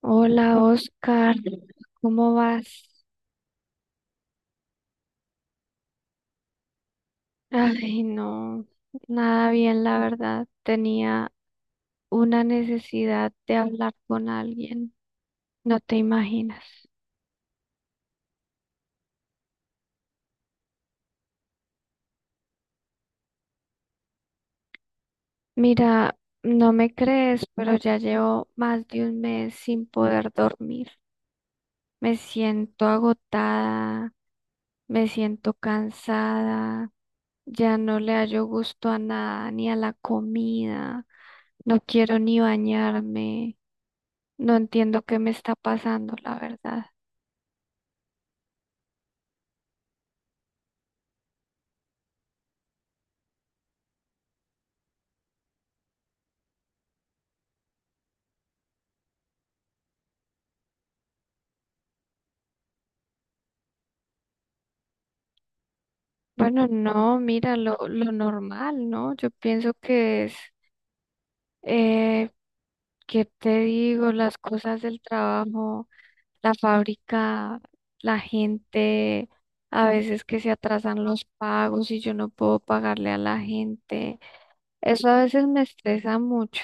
Hola, Oscar, ¿cómo vas? Ay, no, nada bien, la verdad. Tenía una necesidad de hablar con alguien, no te imaginas. Mira, no me crees, pero ya llevo más de un mes sin poder dormir. Me siento agotada, me siento cansada, ya no le hallo gusto a nada, ni a la comida, no quiero ni bañarme. No entiendo qué me está pasando, la verdad. Bueno, no, mira, lo normal, ¿no? Yo pienso que es, eh, ¿qué te digo? Las cosas del trabajo, la fábrica, la gente, a veces que se atrasan los pagos y yo no puedo pagarle a la gente. Eso a veces me estresa mucho,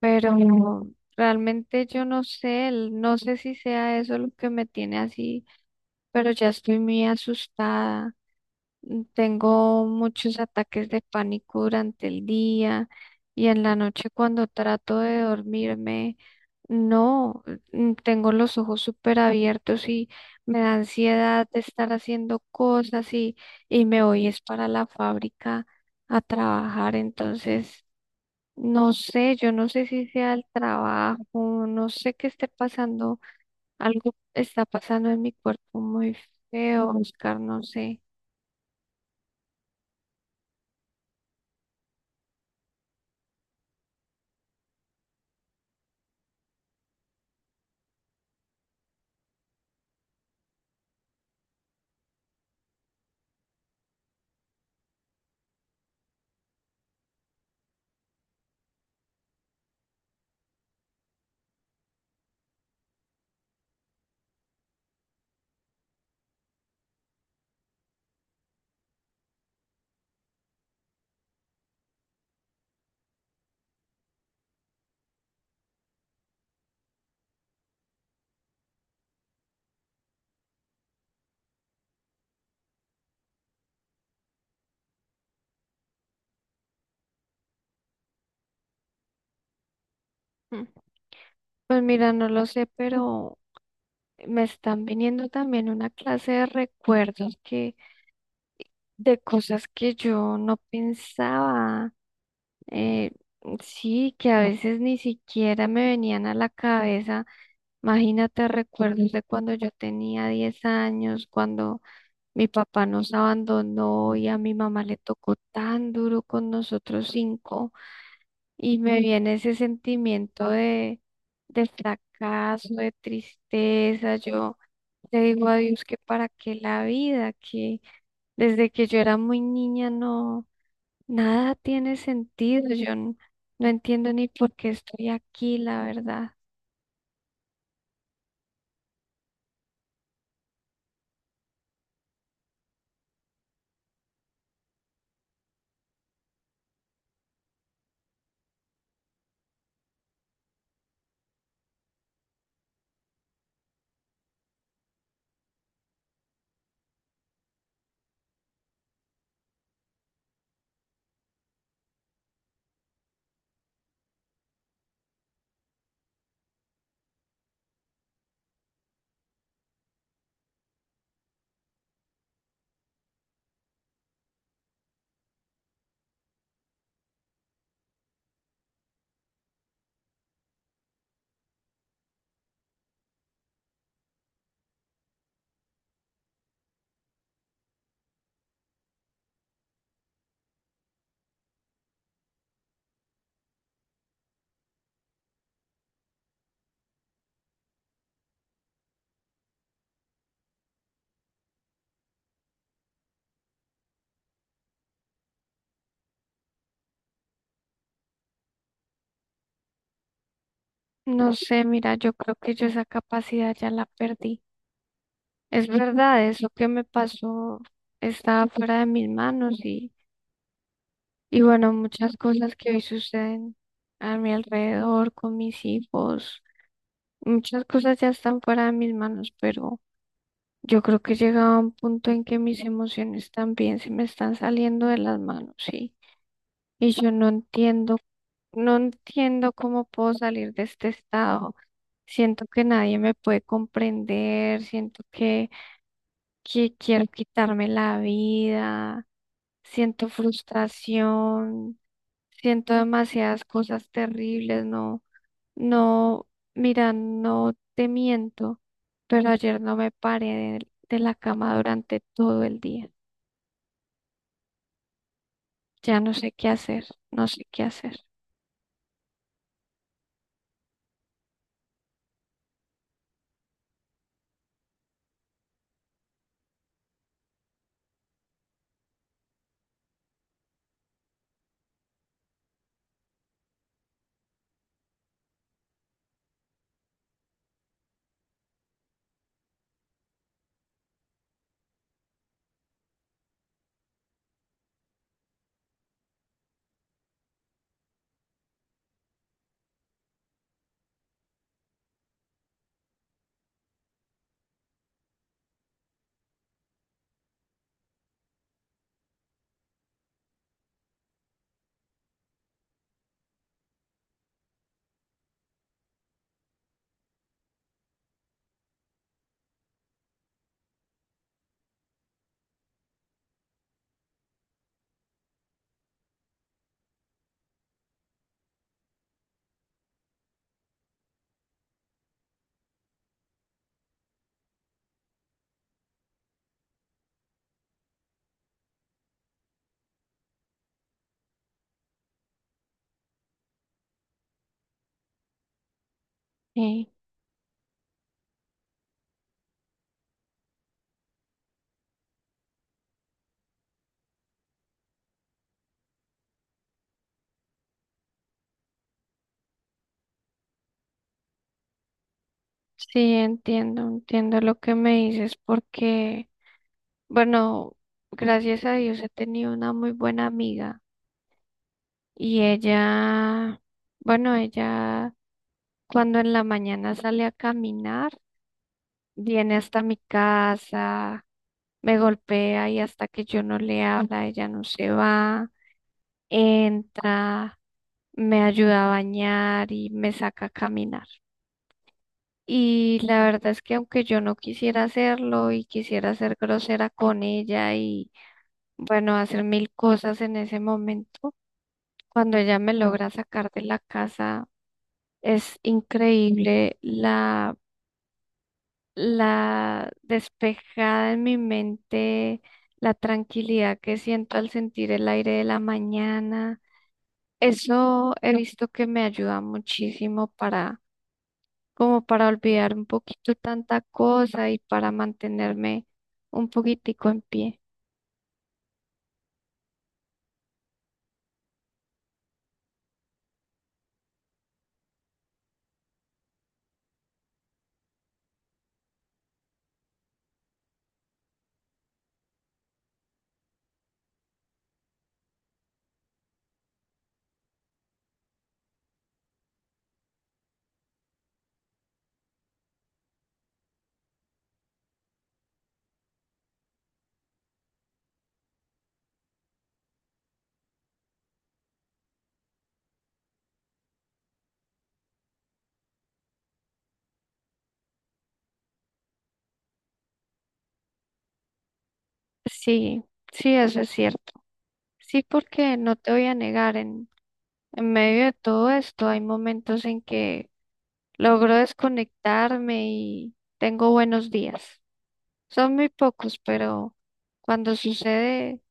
pero realmente yo no sé, no sé si sea eso lo que me tiene así, pero ya estoy muy asustada. Tengo muchos ataques de pánico durante el día y en la noche cuando trato de dormirme, no, tengo los ojos súper abiertos y me da ansiedad de estar haciendo cosas y me voy es para la fábrica a trabajar. Entonces, no sé, yo no sé si sea el trabajo, no sé qué esté pasando, algo está pasando en mi cuerpo muy feo, Oscar, no sé. Pues mira, no lo sé, pero me están viniendo también una clase de recuerdos, que, de cosas que yo no pensaba. eh, sí, que a veces ni siquiera me venían a la cabeza. Imagínate recuerdos de cuando yo tenía 10 años, cuando mi papá nos abandonó y a mi mamá le tocó tan duro con nosotros cinco. Y me viene ese sentimiento de fracaso, de tristeza. Yo le digo a Dios que para qué la vida, que desde que yo era muy niña no, nada tiene sentido. Yo no entiendo ni por qué estoy aquí, la verdad. No sé, mira, yo creo que yo esa capacidad ya la perdí. Es verdad, eso que me pasó estaba fuera de mis manos y bueno, muchas cosas que hoy suceden a mi alrededor, con mis hijos, muchas cosas ya están fuera de mis manos, pero. Yo creo que llegaba un punto en que mis emociones también se me están saliendo de las manos, sí. Y yo no entiendo, no entiendo cómo puedo salir de este estado. Siento que nadie me puede comprender, siento que quiero quitarme la vida, siento frustración, siento demasiadas cosas terribles, ¿no? No, mira, no te miento, pero ayer no me paré de la cama durante todo el día. Ya no sé qué hacer, no sé qué hacer. Sí, sí, entiendo, entiendo lo que me dices porque, bueno, gracias a Dios he tenido una muy buena amiga y ella, bueno, ella cuando en la mañana sale a caminar, viene hasta mi casa, me golpea y hasta que yo no le habla, ella no se va, entra, me ayuda a bañar y me saca a caminar. Y la verdad es que aunque yo no quisiera hacerlo y quisiera ser grosera con ella y bueno, hacer mil cosas en ese momento, cuando ella me logra sacar de la casa, es increíble la despejada en mi mente, la tranquilidad que siento al sentir el aire de la mañana. Eso he visto que me ayuda muchísimo para, como para olvidar un poquito tanta cosa y para mantenerme un poquitico en pie. Sí, sí, eso es cierto. Sí, porque no te voy a negar, en medio de todo esto hay momentos en que logro desconectarme y tengo buenos días. Son muy pocos, pero cuando sucede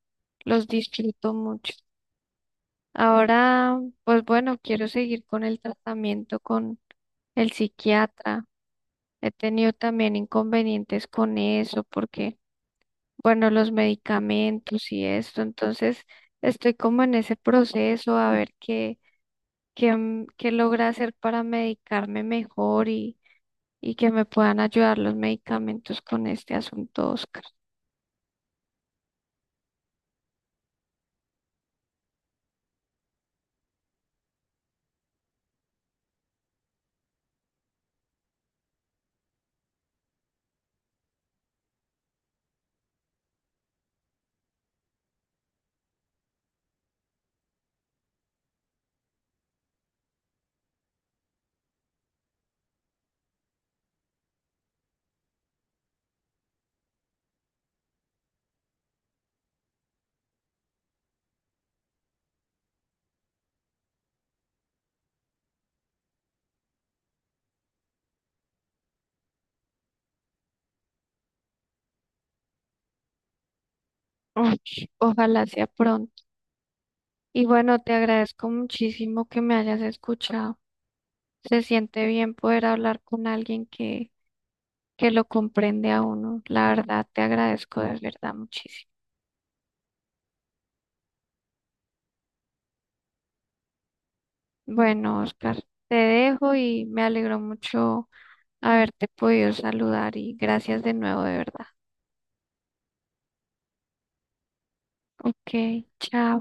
los disfruto mucho. Ahora, pues bueno, quiero seguir con el tratamiento con el psiquiatra. He tenido también inconvenientes con eso porque, bueno, los medicamentos y esto. Entonces, estoy como en ese proceso a ver qué logra hacer para medicarme mejor y que me puedan ayudar los medicamentos con este asunto, Oscar. Uy, ojalá sea pronto. Y bueno, te agradezco muchísimo que me hayas escuchado. Se siente bien poder hablar con alguien que lo comprende a uno. La verdad, te agradezco de verdad muchísimo. Bueno, Oscar, te dejo y me alegro mucho haberte podido saludar y gracias de nuevo de verdad. Ok, chao.